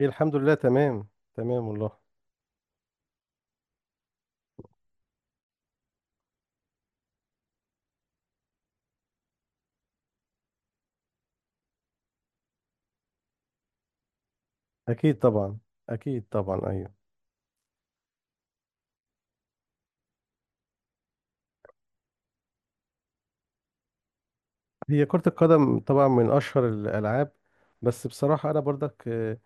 إيه، الحمد لله تمام. تمام والله. اكيد طبعا. اكيد طبعا، ايوه. هي كرة القدم طبعا من اشهر الالعاب. بس بصراحة انا برضك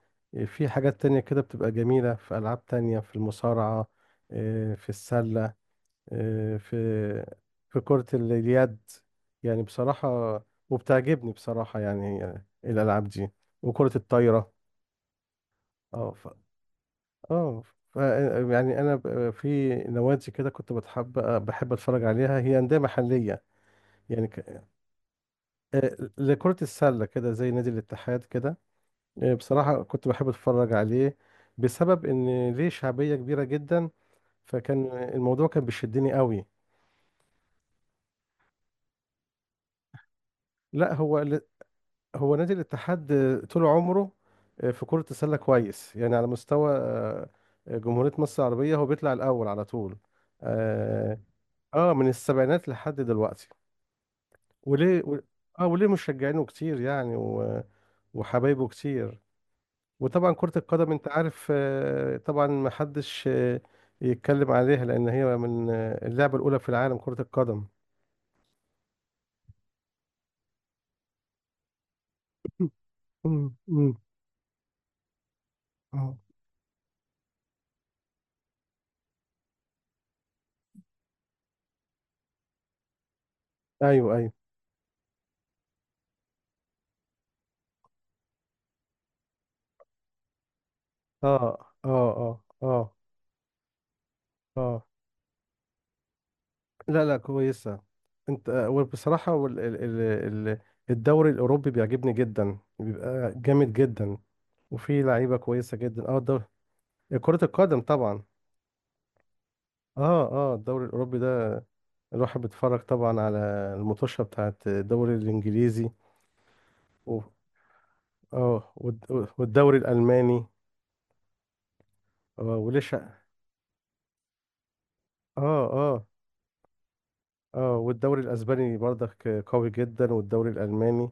في حاجات تانية كده بتبقى جميلة، في العاب تانية، في المصارعة. في السلة. آه، في في كرة اليد، يعني بصراحة. وبتعجبني بصراحة يعني، الالعاب دي. وكرة الطايرة. اه اه ف- يعني في نوادي كده كنت بتحب، بحب اتفرج عليها، هي انديه محليه. يعني ك- لكره السله كده، زي نادي الاتحاد كده. بصراحه كنت بحب اتفرج عليه، بسبب ان ليه شعبيه كبيره جدا. فكان الموضوع كان بيشدني قوي. لا، هو نادي الاتحاد، طول عمره في كره السله كويس، يعني على مستوى جمهوريه مصر العربيه هو بيطلع الاول على طول. اه. من السبعينات لحد دلوقتي. وليه اه، وليه مشجعينه كتير يعني، وحبايبه كتير. وطبعا كرة القدم، انت عارف، طبعا ما حدش يتكلم عليها، لان هي من اللعبة الاولى في العالم كرة القدم. مم. مم. مم. آه. ايوه، ايوه. اه، اه، اه، اه. اه. لا، لا، كويسة. انت وبصراحة، وال... ال... ال... ال... الدوري الاوروبي بيعجبني جدا، بيبقى جامد جدا. وفي لعيبة كويسة جدا. اه، الدوري. كرة القدم طبعا. اه، اه، الدوري الاوروبي ده، الواحد بيتفرج طبعا على المطوشه بتاعت الدوري الانجليزي. و... اه، والدوري الالماني. اه، وليش، اه. اه. اه، والدوري الاسباني برضك قوي جدا، والدوري الالماني.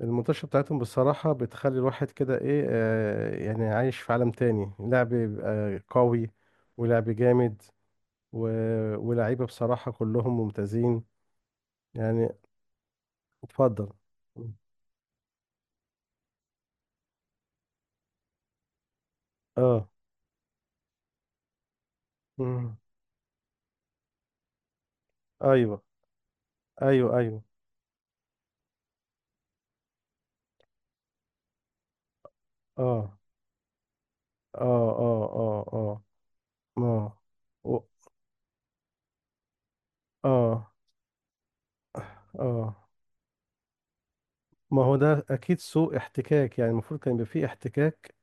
المطوشه بتاعتهم بصراحه بتخلي الواحد كده ايه، يعني عايش في عالم تاني، لعب بيبقى قوي، ولعب جامد. و... ولاعيبه بصراحه كلهم ممتازين يعني. اتفضل. اه. مم. ايوه، ايوه، ايوه. اه، اه، اه، اه. اه. ما، و- اه، اه. ما هو ده اكيد سوء احتكاك، يعني المفروض كان يبقى فيه احتكاك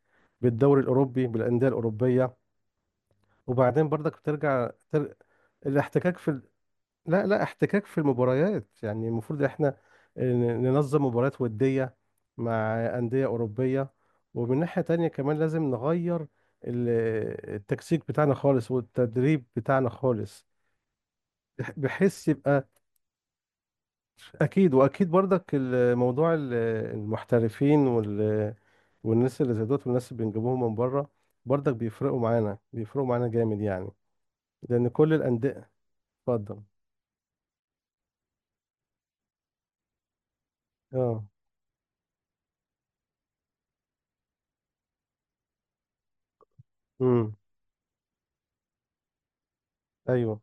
بالدوري الاوروبي، بالانديه الاوروبيه. وبعدين برضك بترجع الاحتكاك في لا، لا، احتكاك في المباريات، يعني المفروض احنا ننظم مباريات وديه مع انديه اوروبيه. ومن ناحيه تانية كمان لازم نغير ال- التكسيك بتاعنا خالص، والتدريب بتاعنا خالص، بحيث يبقى اكيد. واكيد برضك الموضوع المحترفين والناس اللي زي دوت، والناس اللي بنجيبوهم من بره، برضك بيفرقوا معانا، بيفرقوا معانا جامد يعني، لان كل الانديه. اتفضل. اه. امم. ايوه،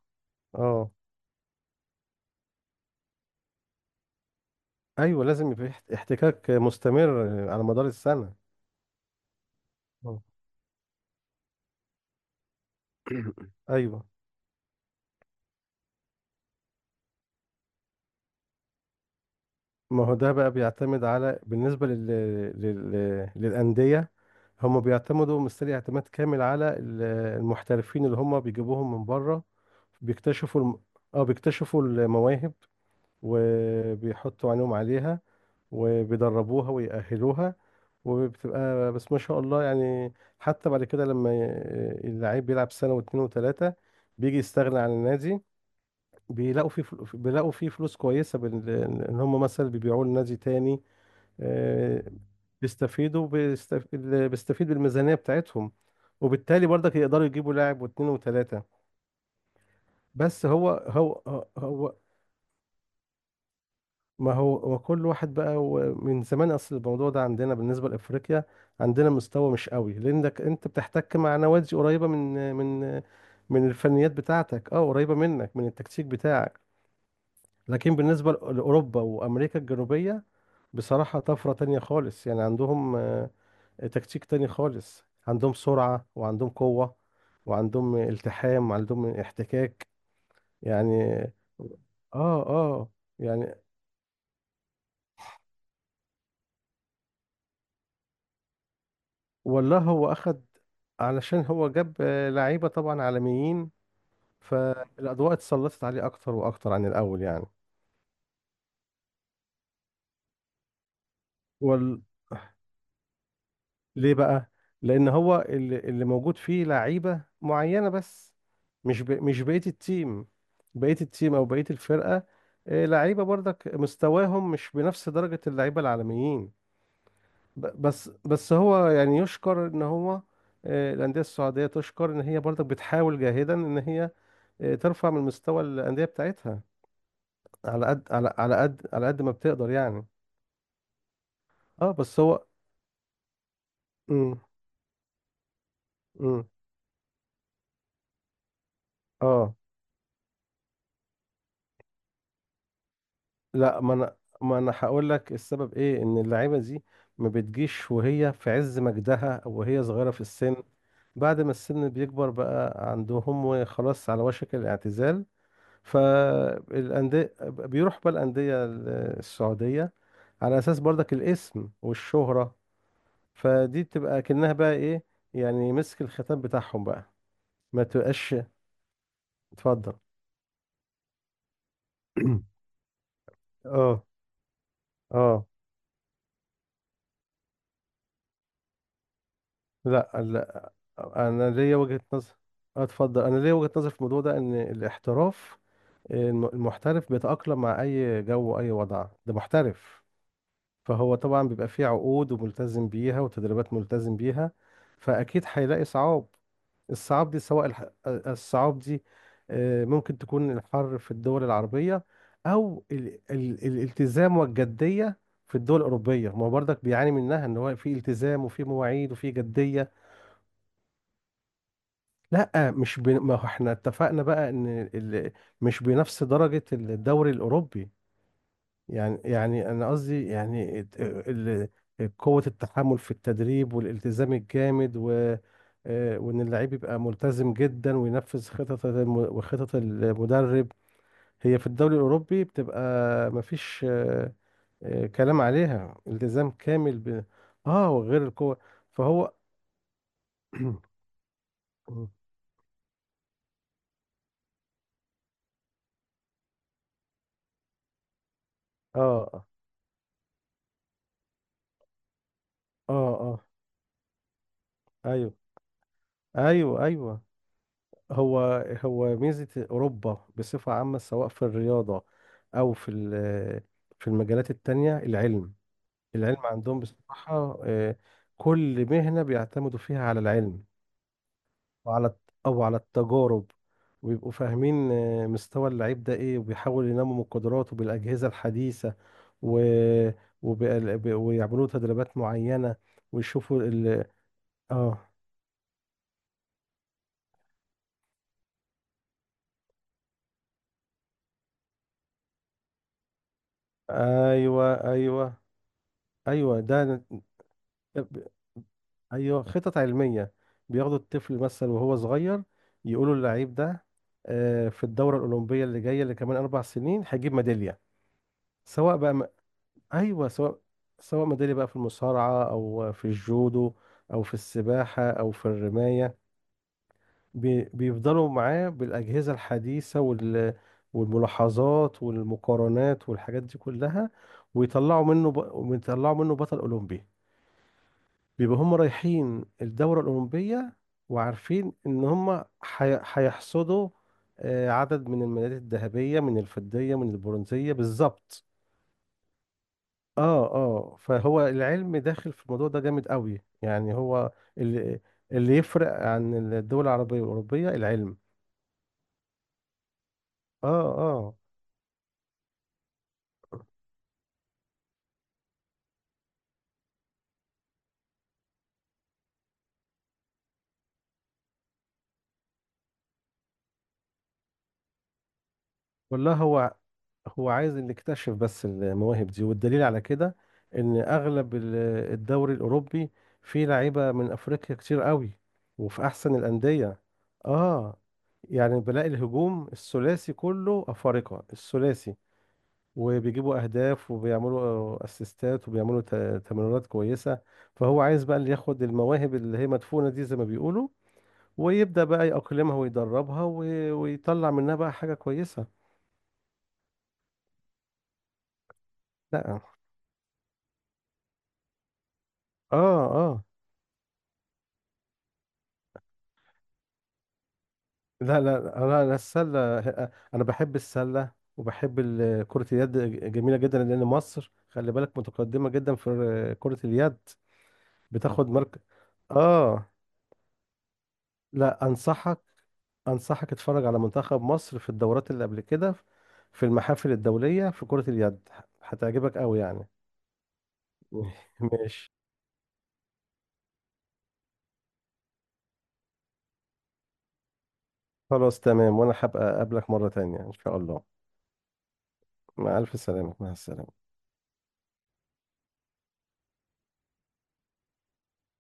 اه، ايوه، لازم يبقى في احتكاك مستمر على مدار السنه. آه. ايوه. ما هو ده بقى بيعتمد على، بالنسبة للأندية. هم بيعتمدوا مستري اعتماد كامل على المحترفين اللي هم بيجيبوهم من بره، بيكتشفوا اه، بيكتشفوا المواهب، وبيحطوا عينهم عليها، وبيدربوها ويأهلوها. وبتبقى بس، ما شاء الله يعني. حتى بعد كده لما اللعيب بيلعب سنة واتنين وتلاتة، بيجي يستغنى عن النادي. بيلاقوا فيه فلوس كويسة ان هم مثلا بيبيعوه لنادي تاني. آه، بيستفيدوا، اللي بيستفيد بالميزانية بتاعتهم، وبالتالي برضك يقدروا يجيبوا لاعب، واثنين، وثلاثة. بس هو هو هو هو- ما هو كل واحد بقى، هو من زمان، اصل الموضوع ده عندنا بالنسبة لأفريقيا، عندنا مستوى مش قوي، لأنك انت بتحتك مع نوادي قريبة من من الفنيات بتاعتك، اه، قريبة منك من التكتيك بتاعك. لكن بالنسبة لأوروبا وأمريكا الجنوبية، بصراحة طفرة تانية خالص، يعني عندهم تكتيك تاني خالص، عندهم سرعة، وعندهم قوة، وعندهم التحام، وعندهم احتكاك يعني. اه، اه. يعني والله، هو اخد علشان هو جاب لعيبة طبعا عالميين، فالأضواء اتسلطت عليه أكتر وأكتر عن الأول يعني. وال... ليه بقى؟ لأن هو اللي موجود فيه لعيبة معينة بس، مش بقية التيم، بقية التيم أو بقية الفرقة. لعيبة برضك مستواهم مش بنفس درجة اللعيبة العالميين. بس هو، يعني يشكر إن هو، الأندية السعودية تشكر إن هي برضك بتحاول جاهدا إن هي ترفع من مستوى الأندية بتاعتها، على قد ما بتقدر يعني. اه، بس هو. امم. امم. اه. لا، ما انا هقول لك السبب ايه، ان اللعيبه دي ما بتجيش وهي في عز مجدها، او وهي صغيره في السن. بعد ما السن بيكبر بقى عندهم، وخلاص على وشك الاعتزال، فالانديه، بيروح بقى الانديه السعوديه، على اساس برضك الاسم والشهره. فدي بتبقى كأنها بقى ايه، يعني مسك الختام بتاعهم بقى. ما تبقاش. اتفضل. اه، اه. لا، لا، انا ليا وجهة نظر. اتفضل، انا ليا وجهة نظر في الموضوع ده، ان الاحتراف، المحترف بيتأقلم مع اي جو واي وضع، ده محترف. فهو طبعا بيبقى فيه عقود وملتزم بيها، وتدريبات ملتزم بيها، فاكيد هيلاقي صعاب. الصعاب دي، ممكن تكون الحر في الدول العربية، او الالتزام والجدية في الدول الأوروبية. ما هو برضك بيعاني منها، ان هو في التزام، وفي مواعيد، وفي جدية. لا، مش بي... ما هو احنا اتفقنا بقى ان ال... مش بنفس درجة الدوري الأوروبي. يعني، انا قصدي، يعني قوة التحمل في التدريب، والالتزام الجامد، وان اللعيب يبقى ملتزم جدا، وينفذ خطط وخطط المدرب. هي في الدوري الأوروبي بتبقى، مفيش كلام عليها، التزام كامل اه، وغير القوة. فهو. اه، اه، اه، ايوه، ايوه، ايوه. هو هو ميزة أوروبا بصفة عامة، سواء في الرياضة أو في في المجالات التانية، العلم. العلم عندهم بصراحة، كل مهنة بيعتمدوا فيها على العلم، وعلى أو على التجارب، ويبقوا فاهمين مستوى اللعيب ده إيه، وبيحاولوا ينموا من قدراته بالأجهزة الحديثة، و... ويعملوا له تدريبات معينة، ويشوفوا آه أيوه، أيوه، أيوه، ده ايوه خطط علميه. بياخدوا الطفل مثلا وهو صغير، يقولوا اللعيب ده، في الدوره الاولمبيه اللي جايه، اللي كمان 4 سنين هيجيب ميداليه. سواء بقى ايوه، سواء، سواء ميداليه بقى، في المصارعه او في الجودو، او في السباحه، او في الرمايه. بيفضلوا معاه بالاجهزه الحديثه، والملاحظات والمقارنات والحاجات دي كلها، ويطلعوا منه بطل اولمبي. بيبقوا هم رايحين الدورة الأولمبية، وعارفين إن هم هيحصدوا عدد من الميداليات الذهبية، من الفضية، من البرونزية، بالظبط. اه، اه، فهو العلم داخل في الموضوع ده جامد قوي، يعني هو اللي اللي يفرق عن الدول العربية والأوروبية، العلم. اه، اه. والله، هو هو عايز نكتشف بس المواهب دي، والدليل على كده ان اغلب الدوري الاوروبي، فيه لعيبه من افريقيا كتير قوي، وفي احسن الانديه. اه، يعني بلاقي الهجوم الثلاثي كله افارقه، الثلاثي وبيجيبوا اهداف، وبيعملوا اسيستات، وبيعملوا تمريرات كويسه. فهو عايز بقى اللي ياخد المواهب اللي هي مدفونه دي، زي ما بيقولوا، ويبدا بقى يأقلمها ويدربها، ويطلع منها بقى حاجه كويسه. لا. اه، اه. لا، لا، انا السله، انا بحب السله، وبحب كره اليد، جميله جدا. لان مصر، خلي بالك، متقدمه جدا في كره اليد، بتاخد مركز. اه. لا، انصحك، انصحك اتفرج على منتخب مصر في الدورات اللي قبل كده، في المحافل الدوليه، في كره اليد، هتعجبك قوي يعني. ماشي. خلاص، تمام، وانا هبقى اقابلك مره تانية ان شاء الله. مع الف سلامه، مع السلامه.